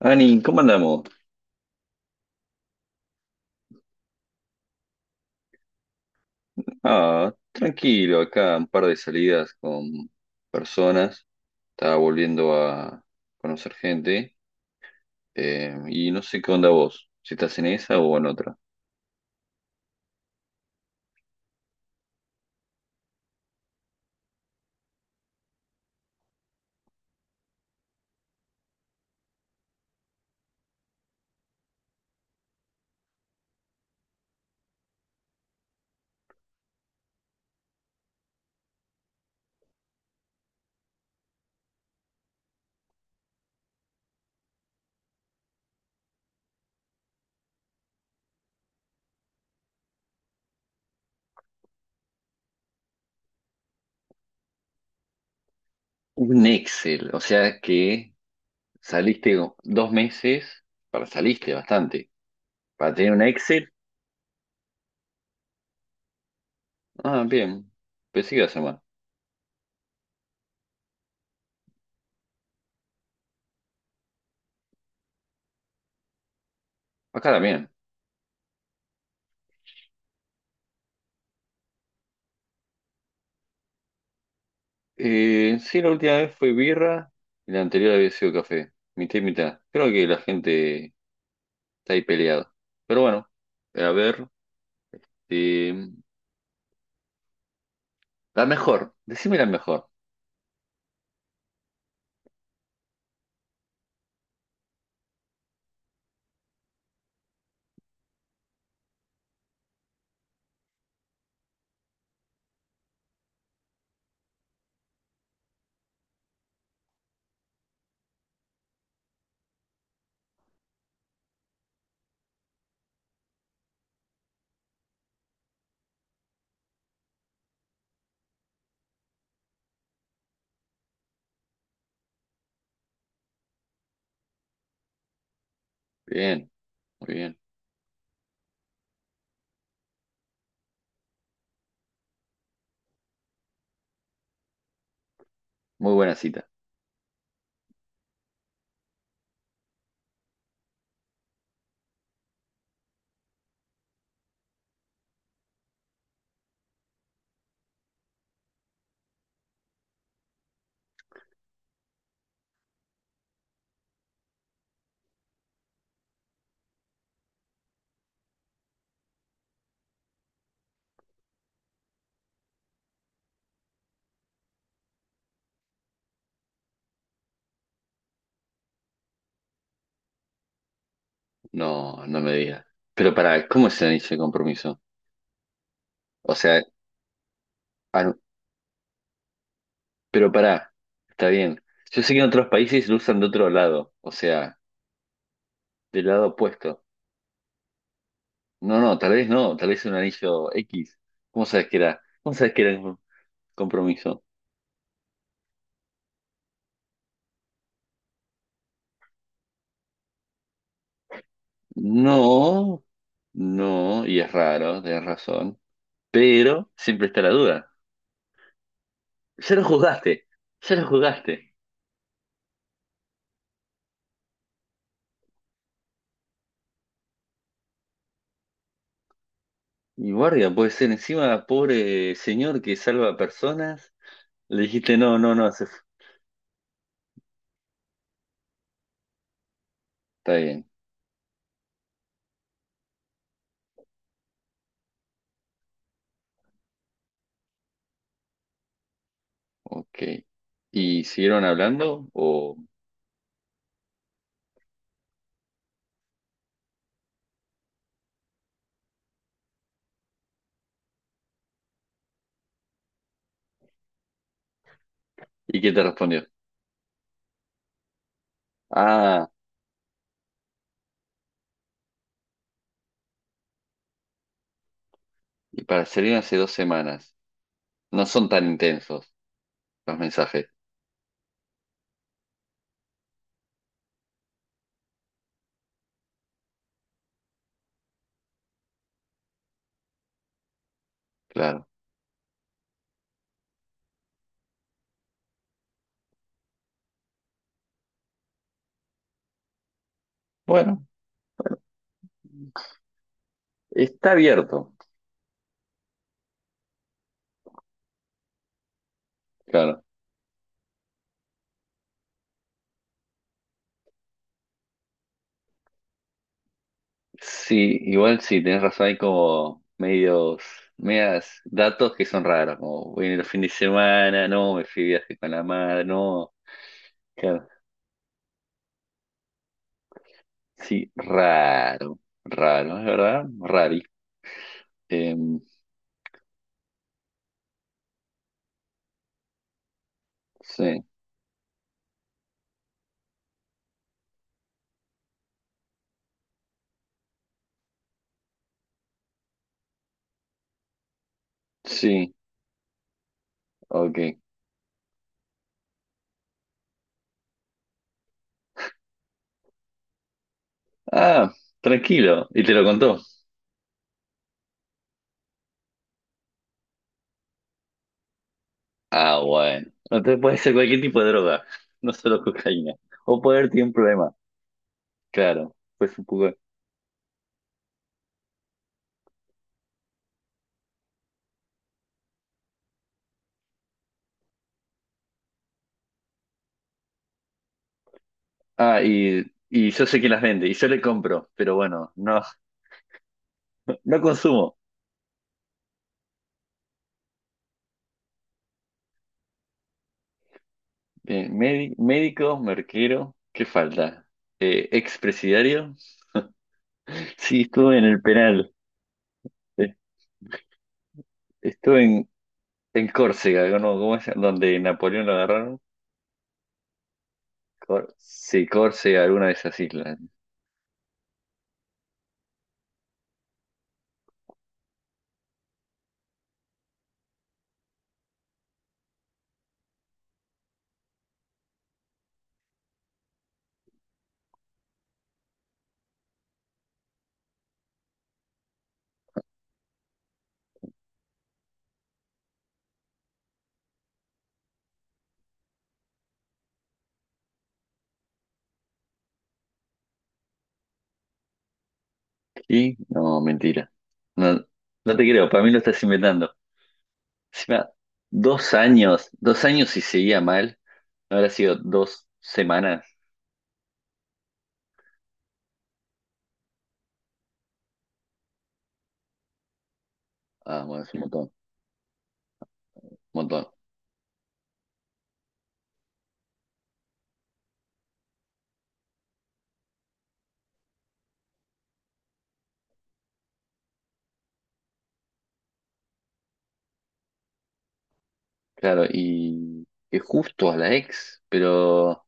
Ani, ¿cómo andamos? Ah, tranquilo, acá un par de salidas con personas. Estaba volviendo a conocer gente. Y no sé qué onda vos, si estás en esa o en otra. Un Excel, o sea que saliste dos meses, para saliste bastante. Para tener un Excel, ah, bien, pensé que iba a ser más. Acá también. Sí, la última vez fue birra y la anterior había sido café, mitad y mitad. Creo que la gente está ahí peleado. Pero bueno, a ver. eh, la mejor. Decime la mejor. Bien, bien. Muy buena cita. No, no me digas. Pero pará, ¿cómo es el anillo de compromiso? O sea, ah, no, pero pará, está bien. Yo sé que en otros países lo usan de otro lado, o sea, del lado opuesto. No, no, tal vez no, tal vez es un anillo X. ¿Cómo sabes que era? ¿Cómo sabes que era un compromiso? No, no, y es raro, tenés razón. Pero siempre está la duda. Ya lo juzgaste, ya lo juzgaste. Y guardia, puede ser encima, pobre señor que salva personas. Le dijiste, no, no, no. Está bien, ok. ¿Y siguieron hablando? ¿Y qué te respondió? Ah, y para salir hace dos semanas. No son tan intensos los mensajes, claro. Bueno, está abierto, claro. Sí, igual sí, tenés razón, hay como medios, medias datos que son raros, como voy en el fin de semana, no, me fui de viaje con la madre, no, claro, sí, raro, raro, es verdad. Em, sí, sí, ok, ah, tranquilo, y te lo contó, ah, bueno, entonces puede ser cualquier tipo de droga, no solo cocaína, o puede haber tenido un problema, claro, pues un poco, ah, y yo sé que las vende, y yo le compro, pero bueno, no. No consumo. Bien, médico, merquero, ¿qué falta? Expresidiario. Sí, estuve en el penal. Eh, Estuve en, Córcega, ¿no? ¿Cómo es? Donde Napoleón lo agarraron. Sí, Córcega, alguna de esas islas. ¿Y? No, mentira. No, no te creo, para mí lo estás inventando. Encima, dos años y seguía mal. ¿No habrá sido dos semanas? Ah, bueno, es un montón, un montón. Claro, y que justo a la ex, pero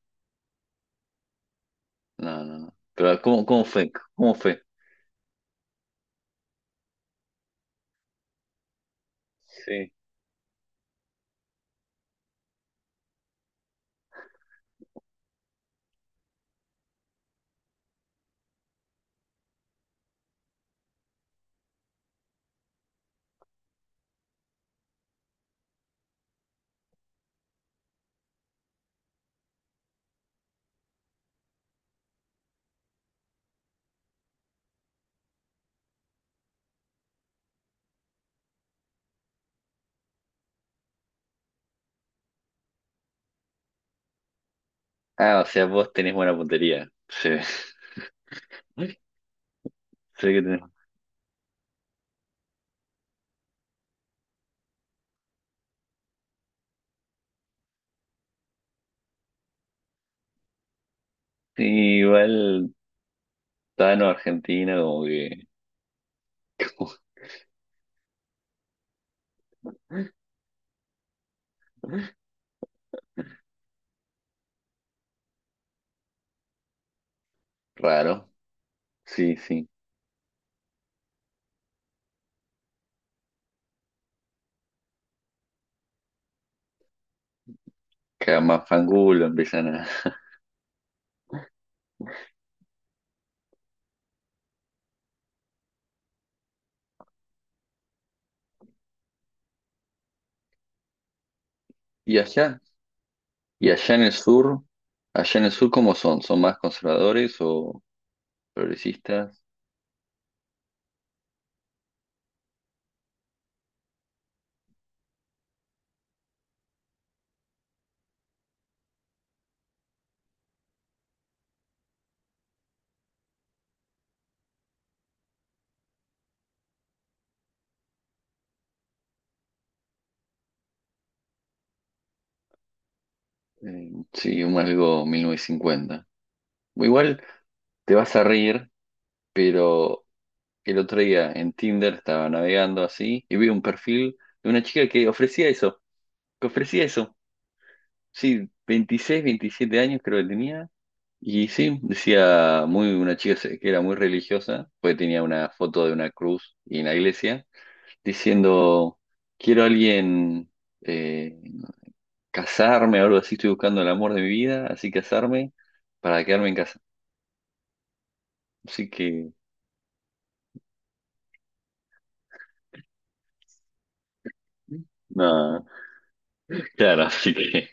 no, no, no. Pero ¿cómo fue? ¿Cómo fue? Sí. Ah, o sea, vos tenés buena puntería. Sí. Sé que tenés. Sí, igual Tano Argentina, como que raro. Sí, sí. Cada más fangulo empiezan a. Y allá, y allá en el sur, allá en el sur, ¿cómo son? ¿Son más conservadores o progresistas? Sí, un algo 1950. Igual. Te vas a reír, pero el otro día en Tinder estaba navegando así y vi un perfil de una chica que ofrecía eso, que ofrecía eso. sí, 26, 27 años creo que tenía. Y sí, decía muy que era muy religiosa, pues tenía una foto de una cruz y en la iglesia, diciendo, quiero a alguien eh, casarme o algo así, estoy buscando el amor de mi vida, así casarme para quedarme en casa. Así que, no, claro.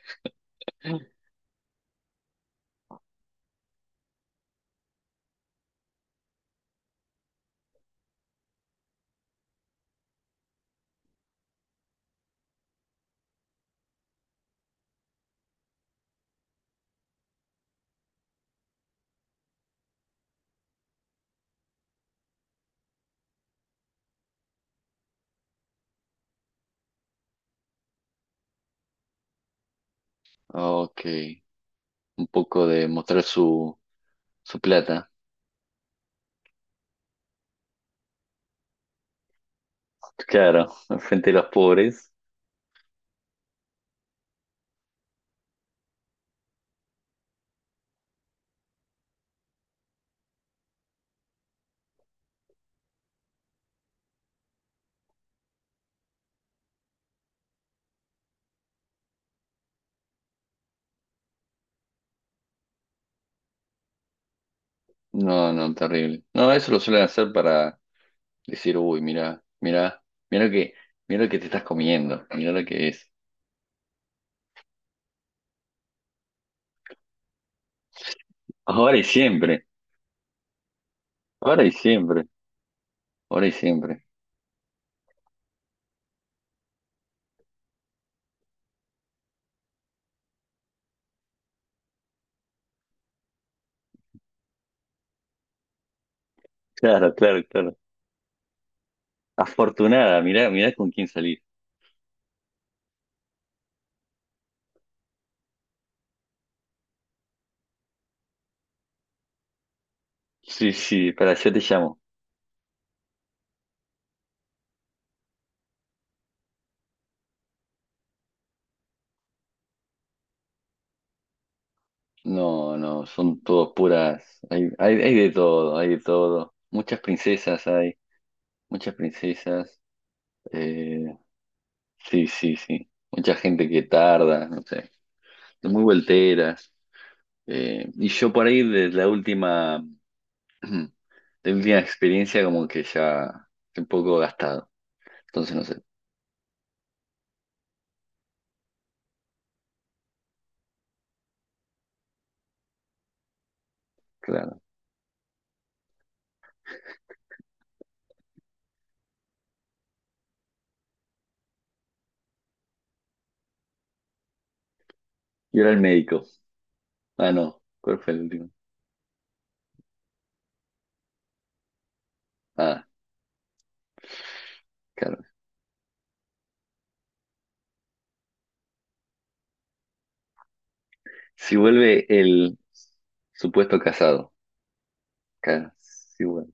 Ok, un poco de mostrar su plata. Claro, frente a los pobres. No, no, terrible. No, eso lo suelen hacer para decir, uy, mira, mira, mira lo que, mira lo que te estás comiendo, mira lo que es. Ahora y siempre, ahora y siempre, ahora y siempre. Claro, claro, claro. Afortunada, mira, mira con quién salir. Sí, sí, para allá te llamo. No, no, son todos puras. Hay de todo, hay de todo. Muchas princesas hay. Muchas princesas. eh, sí, sí, sí. Mucha gente que tarda, no sé. Muy volteras. Y yo por ahí de la última, de la última experiencia como que ya estoy un poco gastado. Entonces no sé, claro. Y era el médico. Ah, no. ¿Cuál fue el último? Ah, claro. Si vuelve el supuesto casado. Claro. Si vuelve.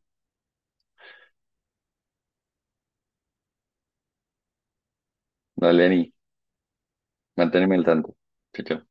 Dale, Ani. Manteneme al tanto. Chao, chao.